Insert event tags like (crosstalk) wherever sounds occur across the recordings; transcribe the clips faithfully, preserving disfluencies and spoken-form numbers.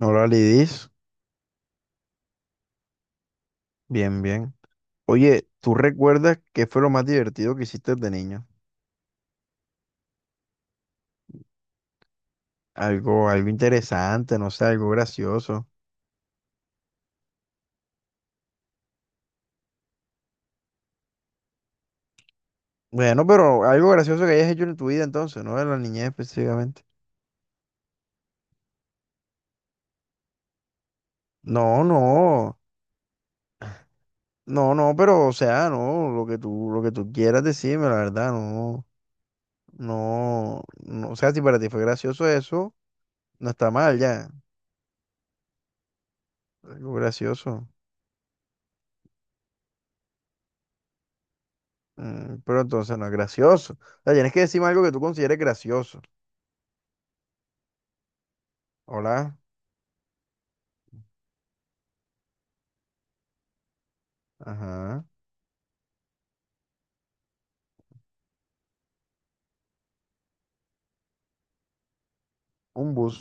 Hola Lidis, bien, bien. Oye, ¿tú recuerdas qué fue lo más divertido que hiciste de niño? Algo, algo interesante, no sé, algo gracioso. Bueno, pero algo gracioso que hayas hecho en tu vida entonces, no de la niñez específicamente. No, no, no, no, pero o sea, no, lo que tú, lo que tú quieras decirme, la verdad, no, no, no, o sea, si para ti fue gracioso eso, no está mal ya, algo gracioso. Mm, pero entonces no es gracioso. O sea, tienes que decirme algo que tú consideres gracioso. Hola. Ajá. Un bus.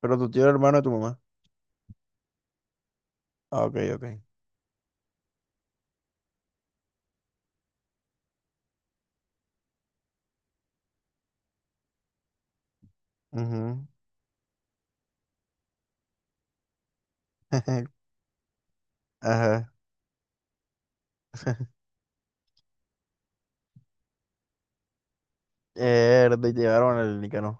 Pero tu tío era hermano de tu mamá. Ah, ok, ok. Ujú. (laughs) Ajá. (laughs) Mierda, y te llevaron al Nicanor.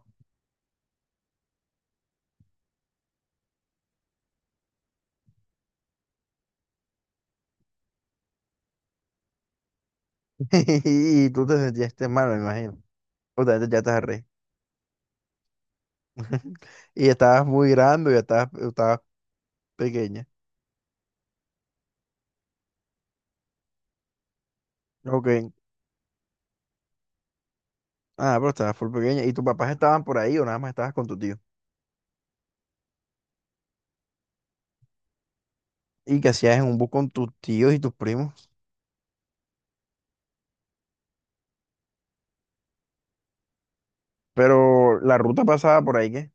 (laughs) Y tú te sentiste mal, me imagino. O sea, ya estás re. (laughs) Y estabas muy grande, ya estabas, estabas pequeña. Ok. Ah, pero estabas full pequeña. ¿Y tus papás estaban por ahí o nada más estabas con tu tío? ¿Y qué hacías en un bus con tus tíos y tus primos? Pero la ruta pasaba por ahí, ¿qué?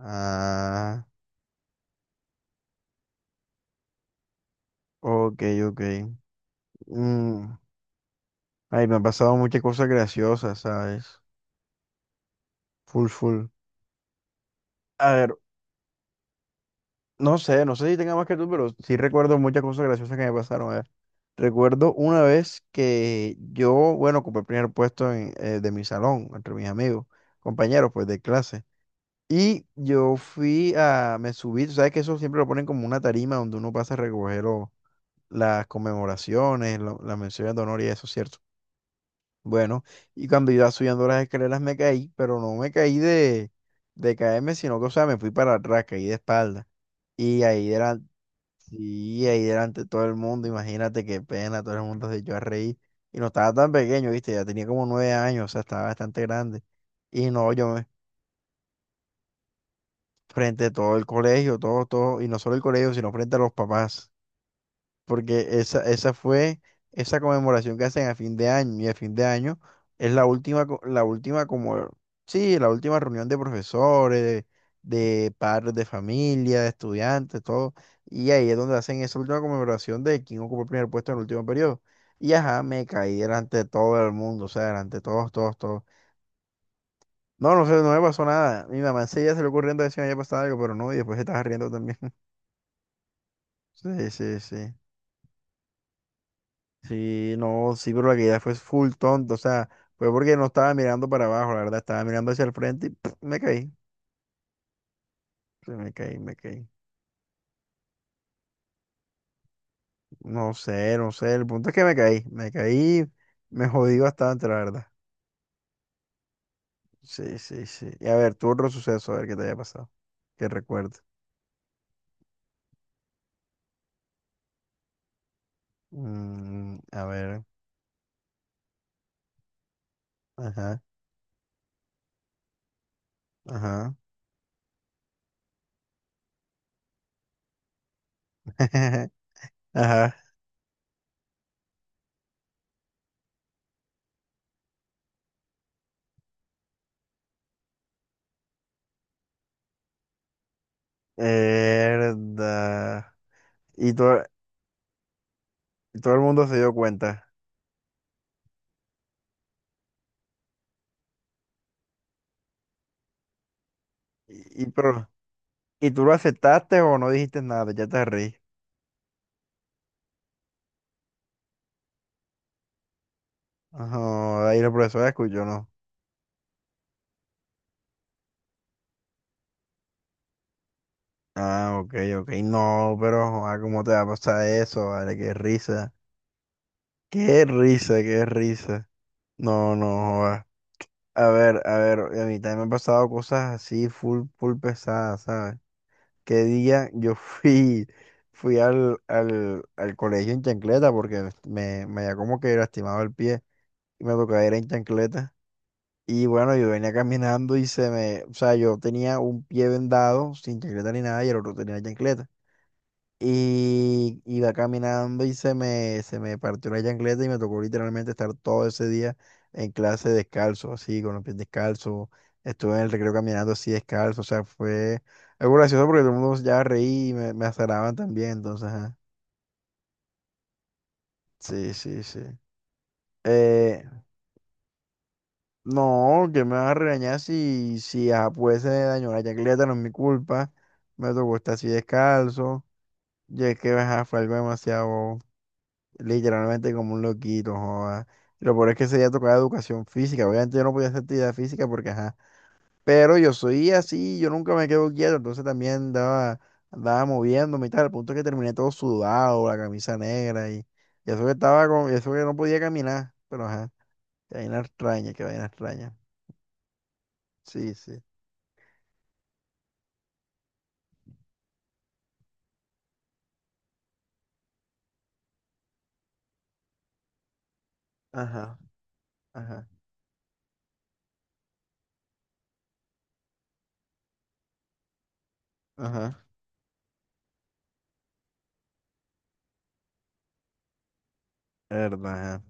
Ah, ok, ok. Mm, ay, me han pasado muchas cosas graciosas, ¿sabes? Full, full. A ver, no sé, no sé si tenga más que tú, pero sí recuerdo muchas cosas graciosas que me pasaron. A ver, recuerdo una vez que yo, bueno, ocupé el primer puesto en, eh, de mi salón, entre mis amigos, compañeros, pues, de clase. Y yo fui a, me subí, tú sabes que eso siempre lo ponen como una tarima donde uno pasa a recoger lo- las conmemoraciones, lo- las menciones de honor y eso, ¿cierto? Bueno, y cuando iba subiendo las escaleras me caí, pero no me caí de, de caerme, sino que, o sea, me fui para atrás, caí de espalda. Y ahí delante, sí, ahí delante todo el mundo, imagínate qué pena, todo el mundo se echó a reír. Y no estaba tan pequeño, viste, ya tenía como nueve años, o sea, estaba bastante grande. Y no, yo me, frente a todo el colegio, todo, todo, y no solo el colegio, sino frente a los papás. Porque esa, esa fue esa conmemoración que hacen a fin de año, y a fin de año es la última, co- la última como, sí, la última reunión de profesores, de, de padres de familia, de estudiantes, todo, y ahí es donde hacen esa última conmemoración de quién ocupó el primer puesto en el último periodo. Y ajá, me caí delante de todo el mundo, o sea, delante de todos, todos, todos. No, no sé, no me pasó nada. Mi mamá enseguida se le ocurriendo decir que me había pasado algo, pero no, y después se estaba riendo también. (laughs) Sí, sí, sí. Sí, no, sí, pero la caída fue full tonto, o sea, fue porque no estaba mirando para abajo, la verdad, estaba mirando hacia el frente y (smacks lips) me caí. Sí, me caí, me caí. No sé, no sé, el punto es que me caí, me caí, me jodí bastante, la verdad. Sí, sí, sí. Y a ver, tu otro suceso, a ver qué te haya pasado, que recuerdo. Mm, a ver, ajá, ajá, (laughs) ajá, verdad. Y todo, y todo el mundo se dio cuenta. Y, y pero, ¿y tú lo aceptaste o no dijiste nada? Ya te reí. Ajá, ahí la profesora escuchó, ¿no? Ah, ok, ok. No, pero, joder, ¿cómo te va a pasar eso? Vale, qué risa. Qué risa, qué risa. No, no, joder. A ver, a ver, a mí también me han pasado cosas así, full, full pesadas, ¿sabes? Qué día yo (laughs) fui, fui al, al, al colegio en chancleta porque me, me había como que lastimado el pie y me tocaba ir en chancleta. Y bueno, yo venía caminando y se me, o sea, yo tenía un pie vendado, sin chancleta ni nada, y el otro tenía chancleta. Y iba caminando y se me, se me partió la chancleta y me tocó literalmente estar todo ese día en clase descalzo, así, con los pies descalzos. Estuve en el recreo caminando así descalzo, o sea, fue algo gracioso porque todo el mundo ya reí y me, me azaraban también, entonces, ajá. Sí, sí, sí. Eh, no, que me vas a regañar si, si ah, pues se me dañó la chancleta, no es mi culpa. Me tocó estar así descalzo. Y es que ajá, fue algo demasiado, literalmente como un loquito, joda. Y lo peor es que ese día tocaba educación física. Obviamente yo no podía hacer actividad física porque, ajá. Pero yo soy así, yo nunca me quedo quieto. Entonces también andaba, andaba moviéndome y tal. Al punto que terminé todo sudado, la camisa negra y, y eso que estaba con, y eso que no podía caminar. Pero ajá, qué vaina extraña, qué vaina extraña. Sí, sí. Ajá, ajá, ajá. Verdad, ajá.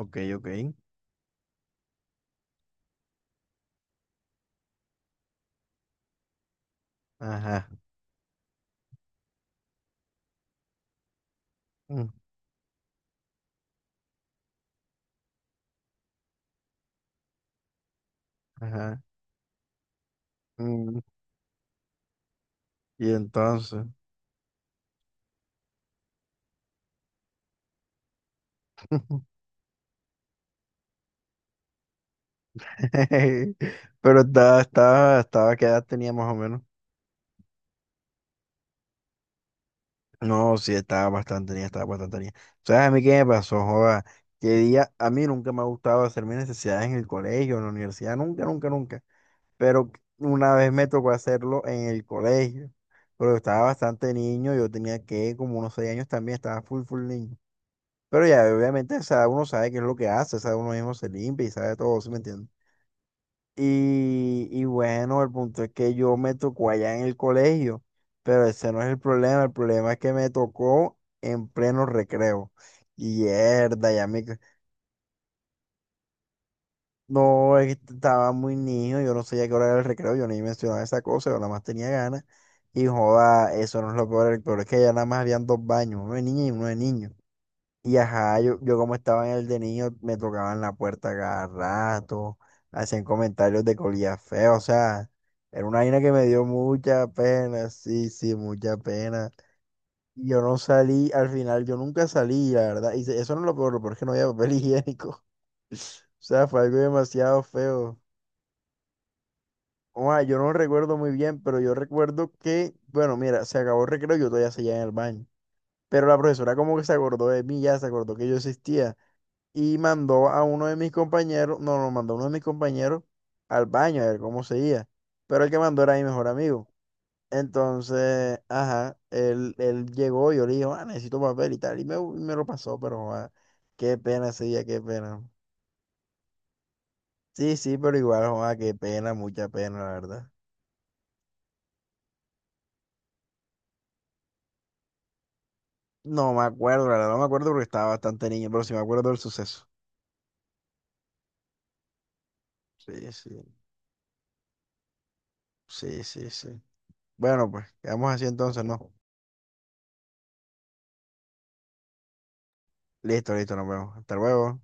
Ok, ok. Ajá, mm, ajá. Mm. Y entonces. (laughs) Pero estaba, estaba, estaba, ¿qué edad tenía más o menos? No, sí, estaba bastante niña, estaba bastante niña. ¿Sabes a mí qué me pasó, joda? Que día, a mí nunca me ha gustado hacer mis necesidades en el colegio, en la universidad, nunca, nunca, nunca. Pero una vez me tocó hacerlo en el colegio. Pero estaba bastante niño, yo tenía que, como unos seis años también, estaba full, full niño. Pero ya, obviamente, o sea, uno sabe qué es lo que hace, o sea, uno mismo se limpia y sabe todo, ¿sí me entiendes? Y, y bueno, el punto es que yo me tocó allá en el colegio, pero ese no es el problema, el problema es que me tocó en pleno recreo. Y herda, ya me... No, es que estaba muy niño, yo no sabía qué hora era el recreo, yo ni mencionaba esa cosa, yo nada más tenía ganas. Y joda, eso no es lo peor, el peor es que allá nada más habían dos baños, uno de niña y uno de niño. Y ajá, yo, yo como estaba en el de niño, me tocaban la puerta cada rato, hacían comentarios de colía feo, o sea, era una vaina que me dio mucha pena, sí, sí, mucha pena. Y yo no salí, al final yo nunca salí, la verdad, y se- eso no es lo peor, lo peor es que no había papel higiénico, (laughs) o sea, fue algo demasiado feo. O sea, yo no recuerdo muy bien, pero yo recuerdo que, bueno, mira, se acabó el recreo, yo todavía seguía en el baño, pero la profesora como que se acordó de mí, ya se acordó que yo existía. Y mandó a uno de mis compañeros, no, no, mandó a uno de mis compañeros al baño a ver cómo seguía, pero el que mandó era mi mejor amigo. Entonces, ajá, él, él llegó y yo le dije, ah, necesito papel y tal, y me, me lo pasó, pero joda, qué pena ese día, qué pena. Sí, sí, pero igual, joda, qué pena, mucha pena, la verdad. No me acuerdo, la verdad, no me acuerdo porque estaba bastante niño, pero sí me acuerdo del suceso. Sí, sí, sí, sí, sí. Bueno, pues, quedamos así entonces, ¿no? Listo, listo, nos vemos. Hasta luego.